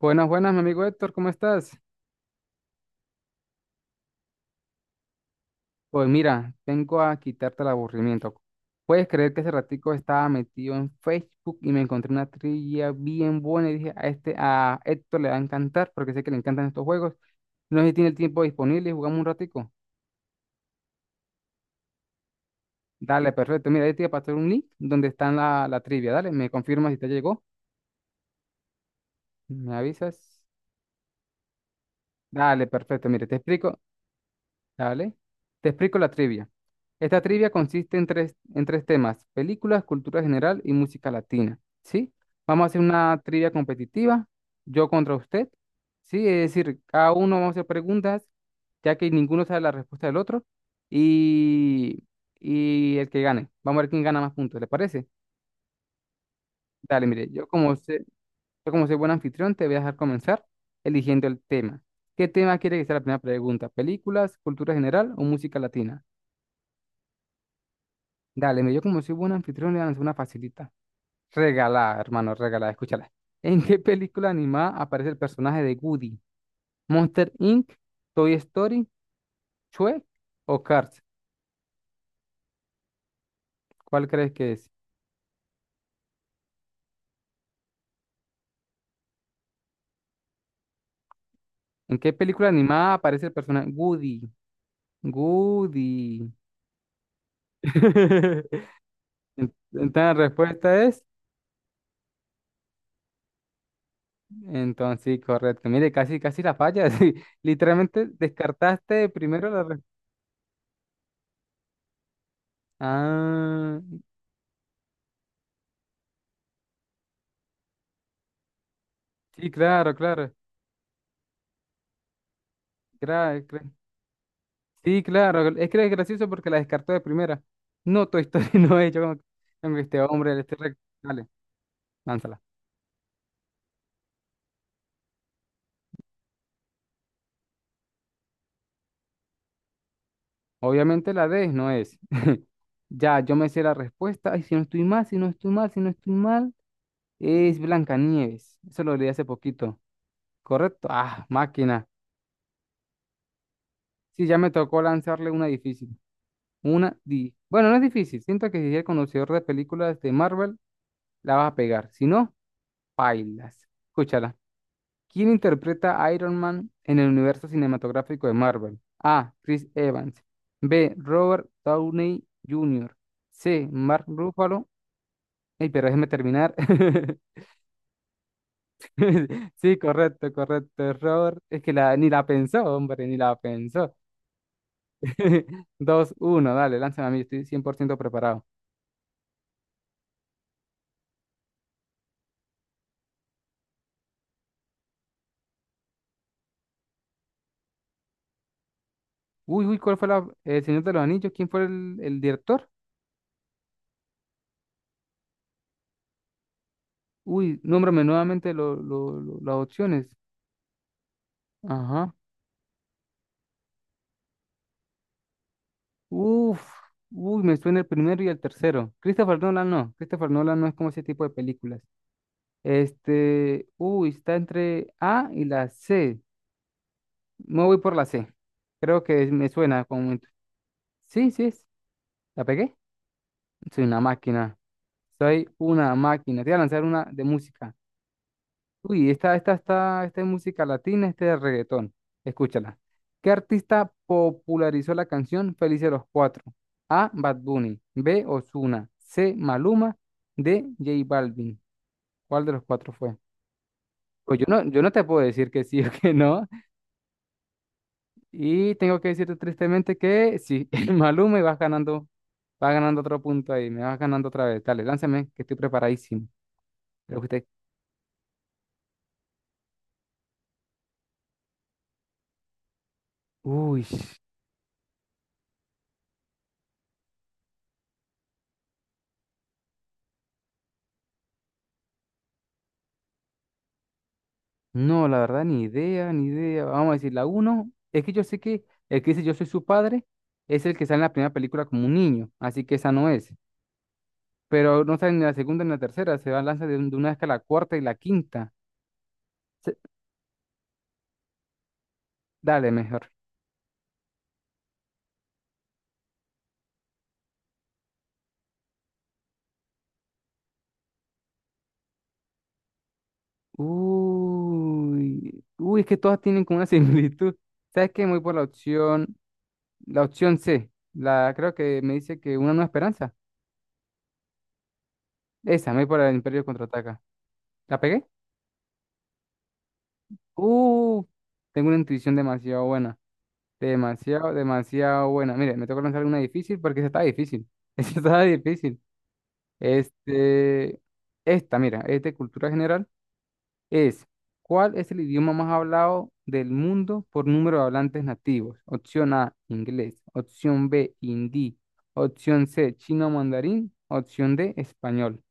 Buenas, buenas, mi amigo Héctor, ¿cómo estás? Pues mira, vengo a quitarte el aburrimiento. ¿Puedes creer que hace ratico estaba metido en Facebook y me encontré una trivia bien buena y dije, a este, a Héctor le va a encantar porque sé que le encantan estos juegos? No sé si tiene el tiempo disponible y jugamos un ratico. Dale, perfecto. Mira, ahí te voy a pasar un link donde está la trivia. Dale, me confirmas si te llegó, me avisas. Dale, perfecto. Mire, te explico. Dale, te explico la trivia. Esta trivia consiste en tres temas, películas, cultura general y música latina, ¿sí? Vamos a hacer una trivia competitiva, yo contra usted, ¿sí? Es decir, cada uno vamos a hacer preguntas, ya que ninguno sabe la respuesta del otro, y, y el que gane. Vamos a ver quién gana más puntos, ¿le parece? Dale, mire, yo como sé, yo como soy buen anfitrión, te voy a dejar comenzar eligiendo el tema. ¿Qué tema quiere que sea la primera pregunta? ¿Películas, cultura general o música latina? Dale, mire, yo como soy buen anfitrión, le voy a lanzar una facilita. Regalada, hermano, regalada, escúchala. ¿En qué película animada aparece el personaje de Woody? ¿Monster Inc., Toy Story, Chue o Cars? ¿Cuál crees que es? ¿En qué película animada aparece el personaje Woody? Woody. Entonces la respuesta es, entonces sí, correcto. Mire, casi, casi la falla. Sí. Literalmente descartaste primero la respuesta. Ah, sí, claro, claro. Claro, sí, claro, es que es gracioso porque la descartó de primera. No, Toy Story no es. Yo como que este hombre, dale, lánzala. Obviamente la D no es. Ya, yo me sé la respuesta. Ay, si no estoy mal, es Blancanieves. Eso lo leí hace poquito. ¿Correcto? Ah, máquina. Sí, ya me tocó lanzarle una difícil. Una di. Bueno, no es difícil. Siento que si eres conocedor de películas de Marvel, la vas a pegar. Si no, bailas. Escúchala. ¿Quién interpreta a Iron Man en el universo cinematográfico de Marvel? A. Chris Evans. B. Robert Downey Jr. C. Mark Ruffalo. Ey, pero déjeme terminar. Sí, correcto, correcto, Robert. Es que la, ni la pensó, hombre, ni la pensó. Dos, uno, dale, lánzame a mí, estoy 100% preparado. Uy, uy, ¿cuál fue la, el Señor de los Anillos? ¿Quién fue el director? Uy, nómbrame nuevamente las opciones. Ajá. Uf, uy, me suena el primero y el tercero. Christopher Nolan no. Christopher Nolan no es como ese tipo de películas. Este, uy, está entre A y la C. Me voy por la C. Me suena como. Sí, sí, es. ¿La pegué? Soy una máquina. Soy una máquina. Te voy a lanzar una de música. Uy, esta es música latina, este es reggaetón. Escúchala. ¿Qué artista popularizó la canción Felices los Cuatro? A. Bad Bunny. B. Ozuna. C. Maluma. D. J Balvin. ¿Cuál de los cuatro fue? Pues yo no te puedo decir que sí o que no. Y tengo que decirte tristemente que sí, el Maluma y vas ganando otro punto ahí, me vas ganando otra vez. Dale, lánzame, que estoy preparadísimo. Creo que usted- Uy. No, la verdad, ni idea, ni idea. Vamos a decir, la uno, es que yo sé que el que dice yo soy su padre es el que sale en la primera película como un niño, así que esa no es. Pero no sale ni la segunda ni la tercera, se va a lanzar de una vez que la cuarta y la quinta. Se- Dale, mejor. Uy, uy, es que todas tienen como una similitud. ¿Sabes qué? Me voy por la opción C. La, creo que me dice que una nueva esperanza. Esa, me voy por el Imperio Contraataca. ¿La pegué? Uh, tengo una intuición demasiado buena. Demasiado, demasiado buena. Mire, me toca lanzar una difícil porque esa está difícil. Esa está difícil. Este, esta, mira, es de cultura general. Es, ¿cuál es el idioma más hablado del mundo por número de hablantes nativos? Opción A, inglés. Opción B, hindi. Opción C, chino mandarín. Opción D, español.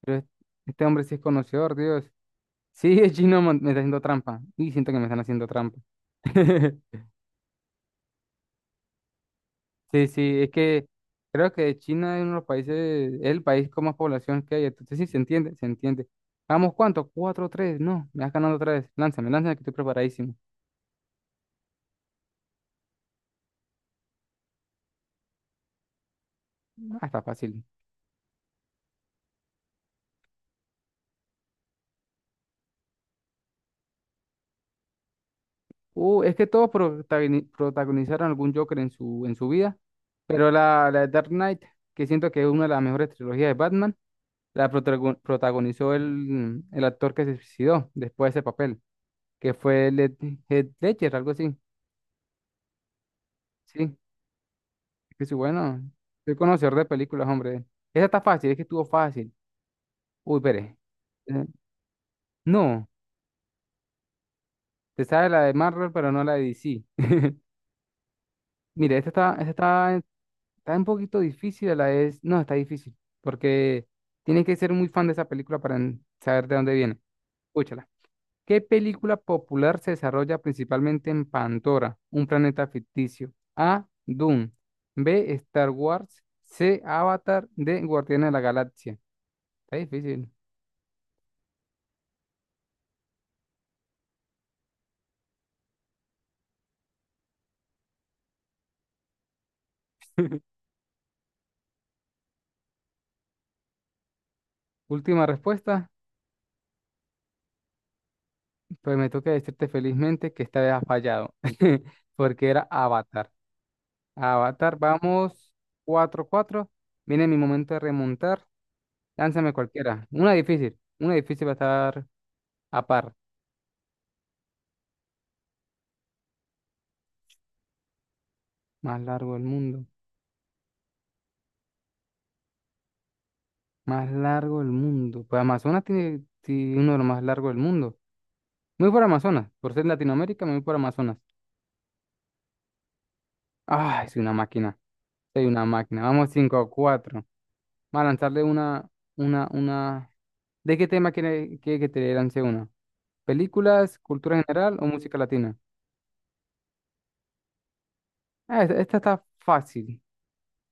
Pero es- este hombre sí es conocedor, Dios. Sí, es chino, me está haciendo trampa. Y siento que me están haciendo trampa. Sí, sí, es que creo que China es uno de los países, es el país con más población que hay, entonces sí, se entiende, se entiende. Vamos, ¿cuánto? Cuatro, tres, no, me vas ganando otra vez, lánzame, lánzame que estoy preparadísimo. Ah, está fácil. Es que todos protagonizaron algún Joker en su vida, pero la de Dark Knight, que siento que es una de las mejores trilogías de Batman, la protagonizó el actor que se suicidó después de ese papel, que fue Led Heath Ledger, algo así, sí. Que sí, bueno, soy conocedor de películas, hombre. Esa está fácil, es que estuvo fácil. Uy, pere. Eh, No, te sabes la de Marvel, pero no la de DC. Mire, esta está, está un poquito difícil, la es. No, está difícil, porque tienes que ser muy fan de esa película para saber de dónde viene. Escúchala. ¿Qué película popular se desarrolla principalmente en Pandora, un planeta ficticio? A. Dune. B. Star Wars. C. Avatar. D. Guardianes de la Galaxia. Está difícil. Última respuesta, pues me toca decirte felizmente que esta vez has fallado, porque era Avatar. Avatar, vamos cuatro cuatro. Viene mi momento de remontar. Lánzame cualquiera. Una difícil va a estar a par. Más largo del mundo, más largo del mundo. Pues Amazonas tiene, tiene uno de los más largos del mundo. Muy por Amazonas, por ser Latinoamérica, muy por Amazonas. Ay, soy una máquina, soy una máquina. Vamos cinco cuatro. Vamos a lanzarle una. ¿De qué tema quiere que te lance uno? ¿Películas, cultura general o música latina? Ah, esta está fácil,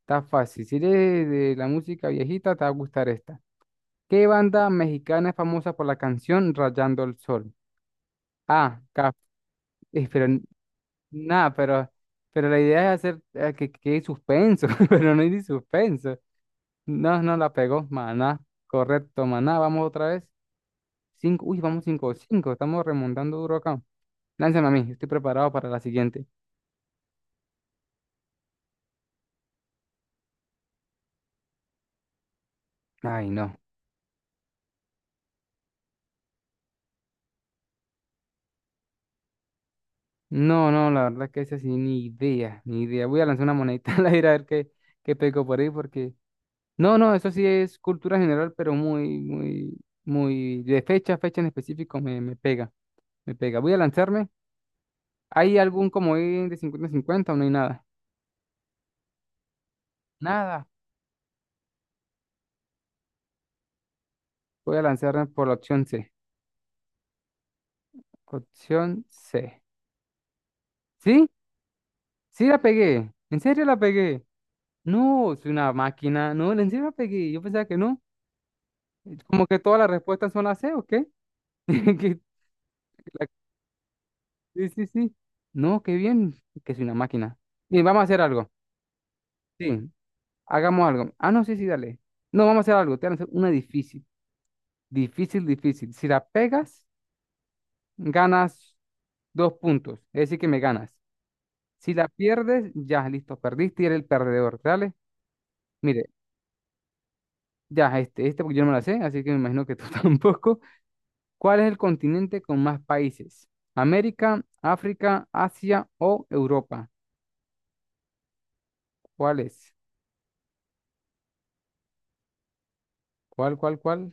está fácil. Si eres de la música viejita, te va a gustar esta. ¿Qué banda mexicana es famosa por la canción Rayando el Sol? Ah, Caf- pero nada, pero la idea es hacer que quede suspenso, pero no hay ni suspenso. No, no la pegó, maná. Correcto, maná. Vamos otra vez. Cinco, uy, vamos cinco, cinco, estamos remontando duro acá. Lánzame a mí, estoy preparado para la siguiente. Ay, no. No, no, la verdad que esa sí, ni idea, ni idea. Voy a lanzar una monedita al aire a ver qué, qué pego por ahí, porque. No, no, eso sí es cultura general, pero muy. De fecha a fecha en específico me pega, me pega. Voy a lanzarme. ¿Hay algún comodín de 50 cincuenta o no hay nada? Nada. Voy a lanzarme por la opción C. Opción C. ¿Sí? Sí la pegué. ¿En serio la pegué? No, soy una máquina. No, en serio la pegué. Yo pensaba que no. Como que todas las respuestas son la C, ¿o qué? que la- Sí, sí, sí. No, qué bien, que soy una máquina. Bien, vamos a hacer algo. Sí, hagamos algo. Ah, no, sí, sí, dale. No, vamos a hacer algo. Te voy a hacer una difícil. Difícil, difícil. Si la pegas, ganas dos puntos. Es decir, que me ganas. Si la pierdes, ya, listo, perdiste y eres el perdedor. Dale. Mire, ya, porque yo no me la sé, así que me imagino que tú tampoco. ¿Cuál es el continente con más países? ¿América, África, Asia o Europa? ¿Cuál es? ¿Cuál?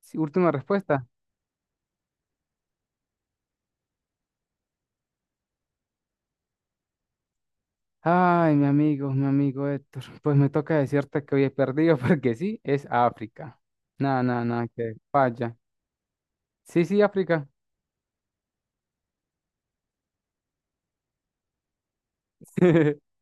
Sí, última respuesta. Ay, mi amigo Héctor, pues me toca decirte que hoy he perdido porque sí, es África. No, no, no, que falla. Sí, sí, África.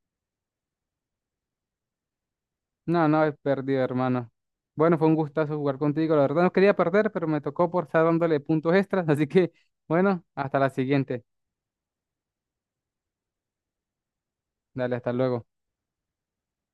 No, no, he perdido, hermano. Bueno, fue un gustazo jugar contigo. La verdad no quería perder, pero me tocó por estar dándole puntos extras. Así que, bueno, hasta la siguiente. Dale, hasta luego.